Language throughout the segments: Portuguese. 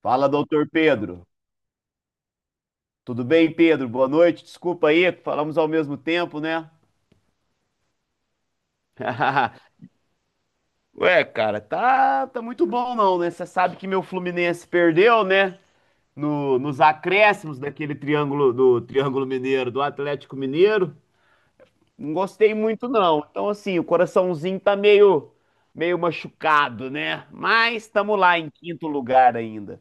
Fala, doutor Pedro. Tudo bem, Pedro? Boa noite. Desculpa aí, falamos ao mesmo tempo, né? Cara, tá muito bom não, né? Você sabe que meu Fluminense perdeu, né? No, nos acréscimos daquele Triângulo Mineiro, do Atlético Mineiro. Não gostei muito não. Então assim, o coraçãozinho tá meio machucado, né? Mas estamos lá em quinto lugar ainda.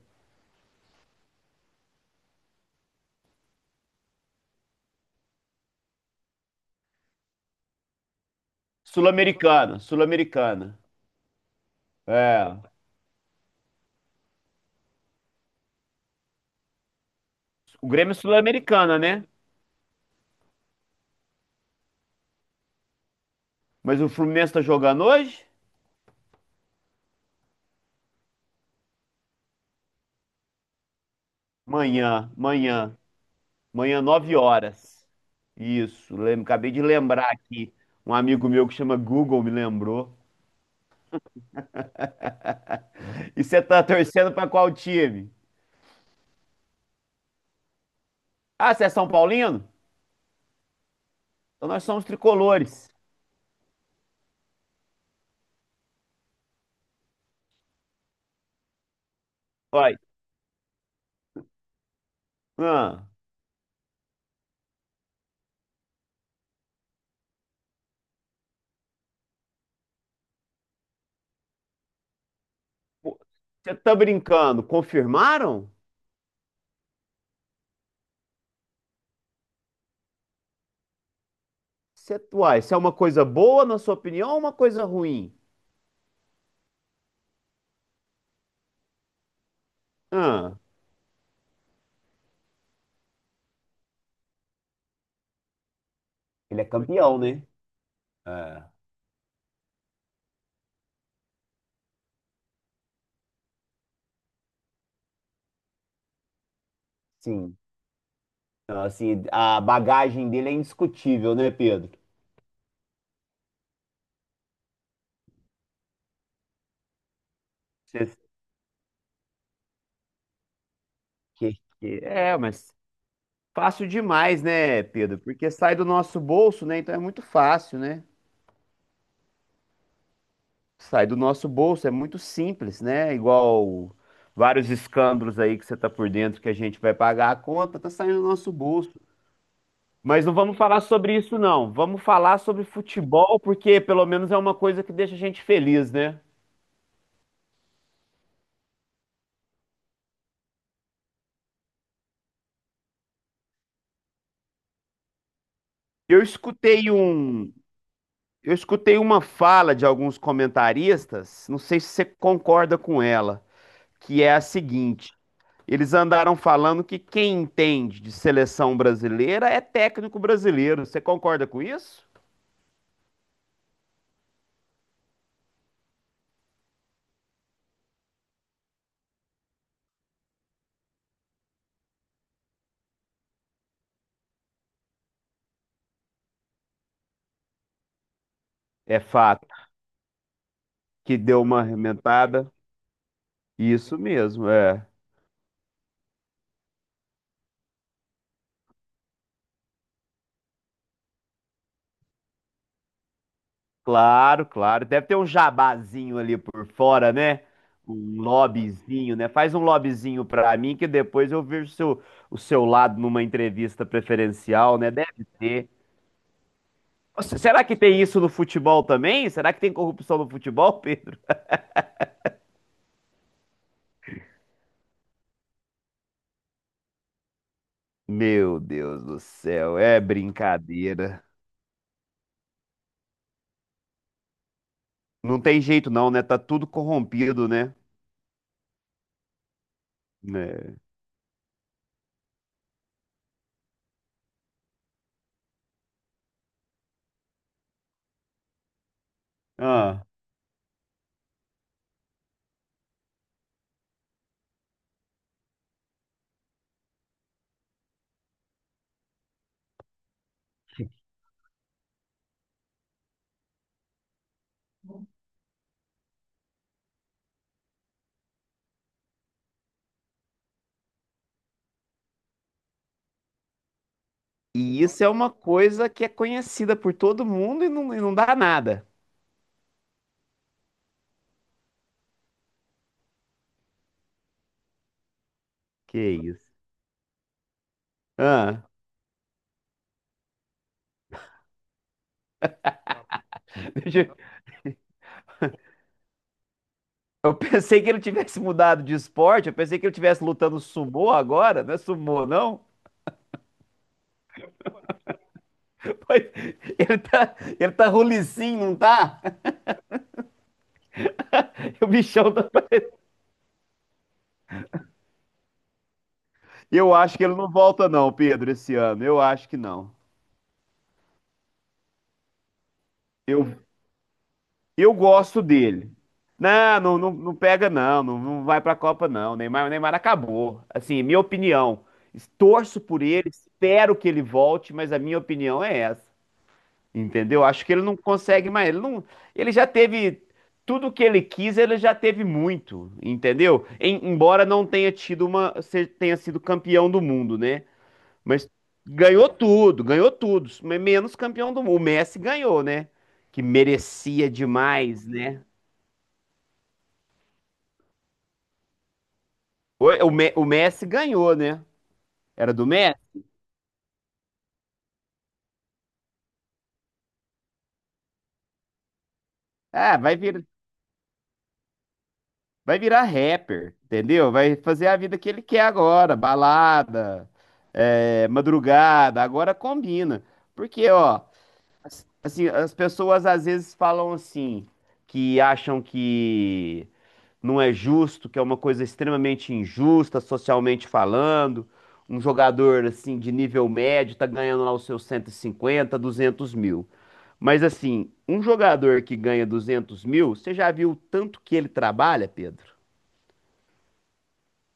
Sul-Americana. É, o Grêmio é Sul-Americana, né? Mas o Fluminense tá jogando hoje? Manhã, manhã, manhã, 9 horas. Isso, acabei de lembrar aqui. Um amigo meu que chama Google me lembrou. E você tá torcendo pra qual time? Ah, você é São Paulino? Então nós somos tricolores. Olha, ah, pô, você tá brincando? Confirmaram? Você, uai, isso é uma coisa boa, na sua opinião, ou uma coisa ruim? Ah, ele é campeão, né? É. Sim. Então, assim, a bagagem dele é indiscutível, né, Pedro? Cês- É, mas fácil demais, né, Pedro? Porque sai do nosso bolso, né? Então é muito fácil, né? Sai do nosso bolso, é muito simples, né? Igual vários escândalos aí que você tá por dentro que a gente vai pagar a conta, tá saindo do nosso bolso. Mas não vamos falar sobre isso, não. Vamos falar sobre futebol, porque pelo menos é uma coisa que deixa a gente feliz, né? Eu escutei um, eu escutei uma fala de alguns comentaristas, não sei se você concorda com ela, que é a seguinte: eles andaram falando que quem entende de seleção brasileira é técnico brasileiro. Você concorda com isso? É fato que deu uma arrementada. Isso mesmo, é. Claro, claro. Deve ter um jabazinho ali por fora, né? Um lobbyzinho, né? Faz um lobbyzinho pra mim que depois eu vejo o seu lado numa entrevista preferencial, né? Deve ter. Nossa, será que tem isso no futebol também? Será que tem corrupção no futebol, Pedro? Meu Deus do céu, é brincadeira. Não tem jeito não, né? Tá tudo corrompido, né? É. Ah, e isso é uma coisa que é conhecida por todo mundo e não dá nada. Que isso. Ah, deixa eu pensei que ele tivesse mudado de esporte, eu pensei que ele tivesse lutando sumô agora, não é sumô, não? Pois, ele tá rulicim, não tá? O bichão tá... Eu acho que ele não volta não, Pedro, esse ano. Eu acho que não. Eu, eu gosto dele. Não, não, não, não pega, não, não, não vai pra Copa, não. Neymar acabou. Assim, minha opinião. Torço por ele, espero que ele volte, mas a minha opinião é essa. Entendeu? Acho que ele não consegue mais. Ele, não, ele já teve tudo que ele quis, ele já teve muito, entendeu? Embora não tenha tido uma, se- tenha sido campeão do mundo, né? Mas ganhou tudo, mas menos campeão do mundo. O Messi ganhou, né? Que merecia demais, né? O Messi ganhou, né? Era do Messi? Ah, vai virar rapper, entendeu? Vai fazer a vida que ele quer agora, balada, é, madrugada, agora combina. Porque, ó, assim, as pessoas às vezes falam assim, que acham que não é justo, que é uma coisa extremamente injusta, socialmente falando. Um jogador assim de nível médio tá ganhando lá os seus 150 200 mil. Mas assim, um jogador que ganha 200 mil, você já viu o tanto que ele trabalha, Pedro?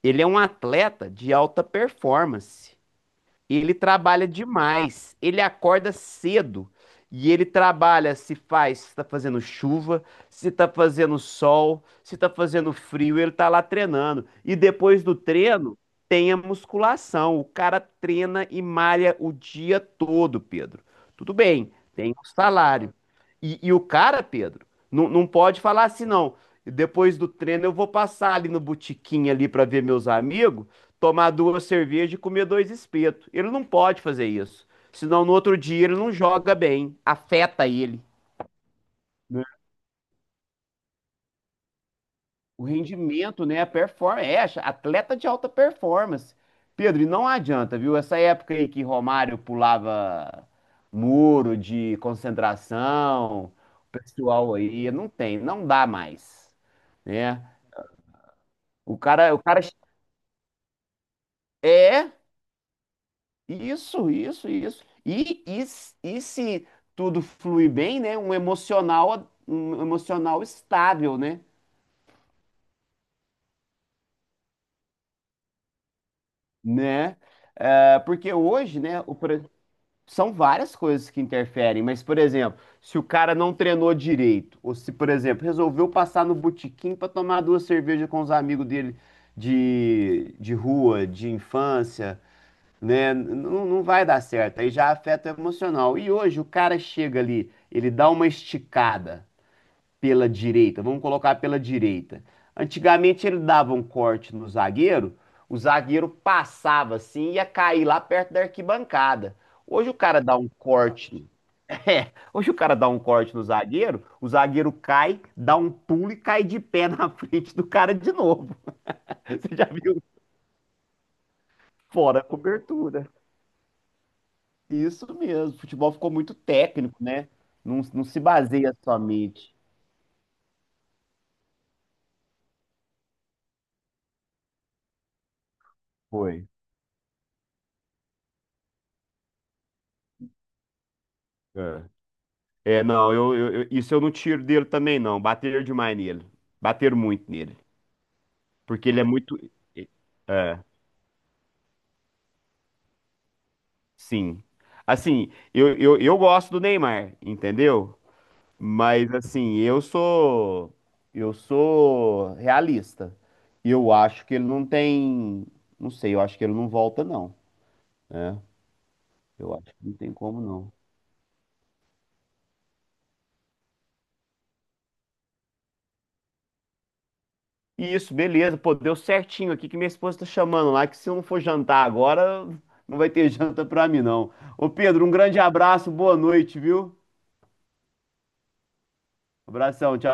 Ele é um atleta de alta performance. Ele trabalha demais. Ele acorda cedo. E ele trabalha se tá fazendo chuva, se tá fazendo sol, se tá fazendo frio, ele tá lá treinando. E depois do treino, tem a musculação. O cara treina e malha o dia todo, Pedro. Tudo bem, tem o salário. E o cara, Pedro, não pode falar assim, não. Depois do treino eu vou passar ali no botequim ali para ver meus amigos tomar duas cervejas e comer dois espetos. Ele não pode fazer isso. Senão no outro dia ele não joga bem, afeta ele. Né? O rendimento, né? A performance. É, atleta de alta performance. Pedro, e não adianta, viu? Essa época aí que Romário pulava muro de concentração, o pessoal aí, não tem, não dá mais, né? O cara, o cara é, Isso, isso, isso. E se tudo fluir bem, né? Um emocional estável, né? Né? É, porque hoje, né, são várias coisas que interferem, mas, por exemplo, se o cara não treinou direito, ou se, por exemplo, resolveu passar no botequim para tomar duas cervejas com os amigos dele de rua, de infância, né? Não, não vai dar certo. Aí já afeta o emocional. E hoje o cara chega ali, ele dá uma esticada pela direita, vamos colocar pela direita. Antigamente ele dava um corte no zagueiro, o zagueiro passava assim e ia cair lá perto da arquibancada. Hoje o cara dá um corte. É, hoje o cara dá um corte no zagueiro, o zagueiro cai, dá um pulo e cai de pé na frente do cara de novo. Você já viu? Fora a cobertura. Isso mesmo. Futebol ficou muito técnico, né? Não se baseia somente. Foi. É, É, não, isso eu não tiro dele também, não. Bateram demais nele. Bateram muito nele. Porque ele é muito. É, sim. Assim, eu gosto do Neymar, entendeu? Mas, assim, eu sou. Eu sou realista. Eu acho que ele não tem. Não sei, eu acho que ele não volta, não. Eu acho que não tem como, não. Isso, beleza. Pô, deu certinho aqui que minha esposa tá chamando lá, que se eu não for jantar agora, não vai ter janta pra mim, não. Ô, Pedro, um grande abraço, boa noite, viu? Abração, tchau.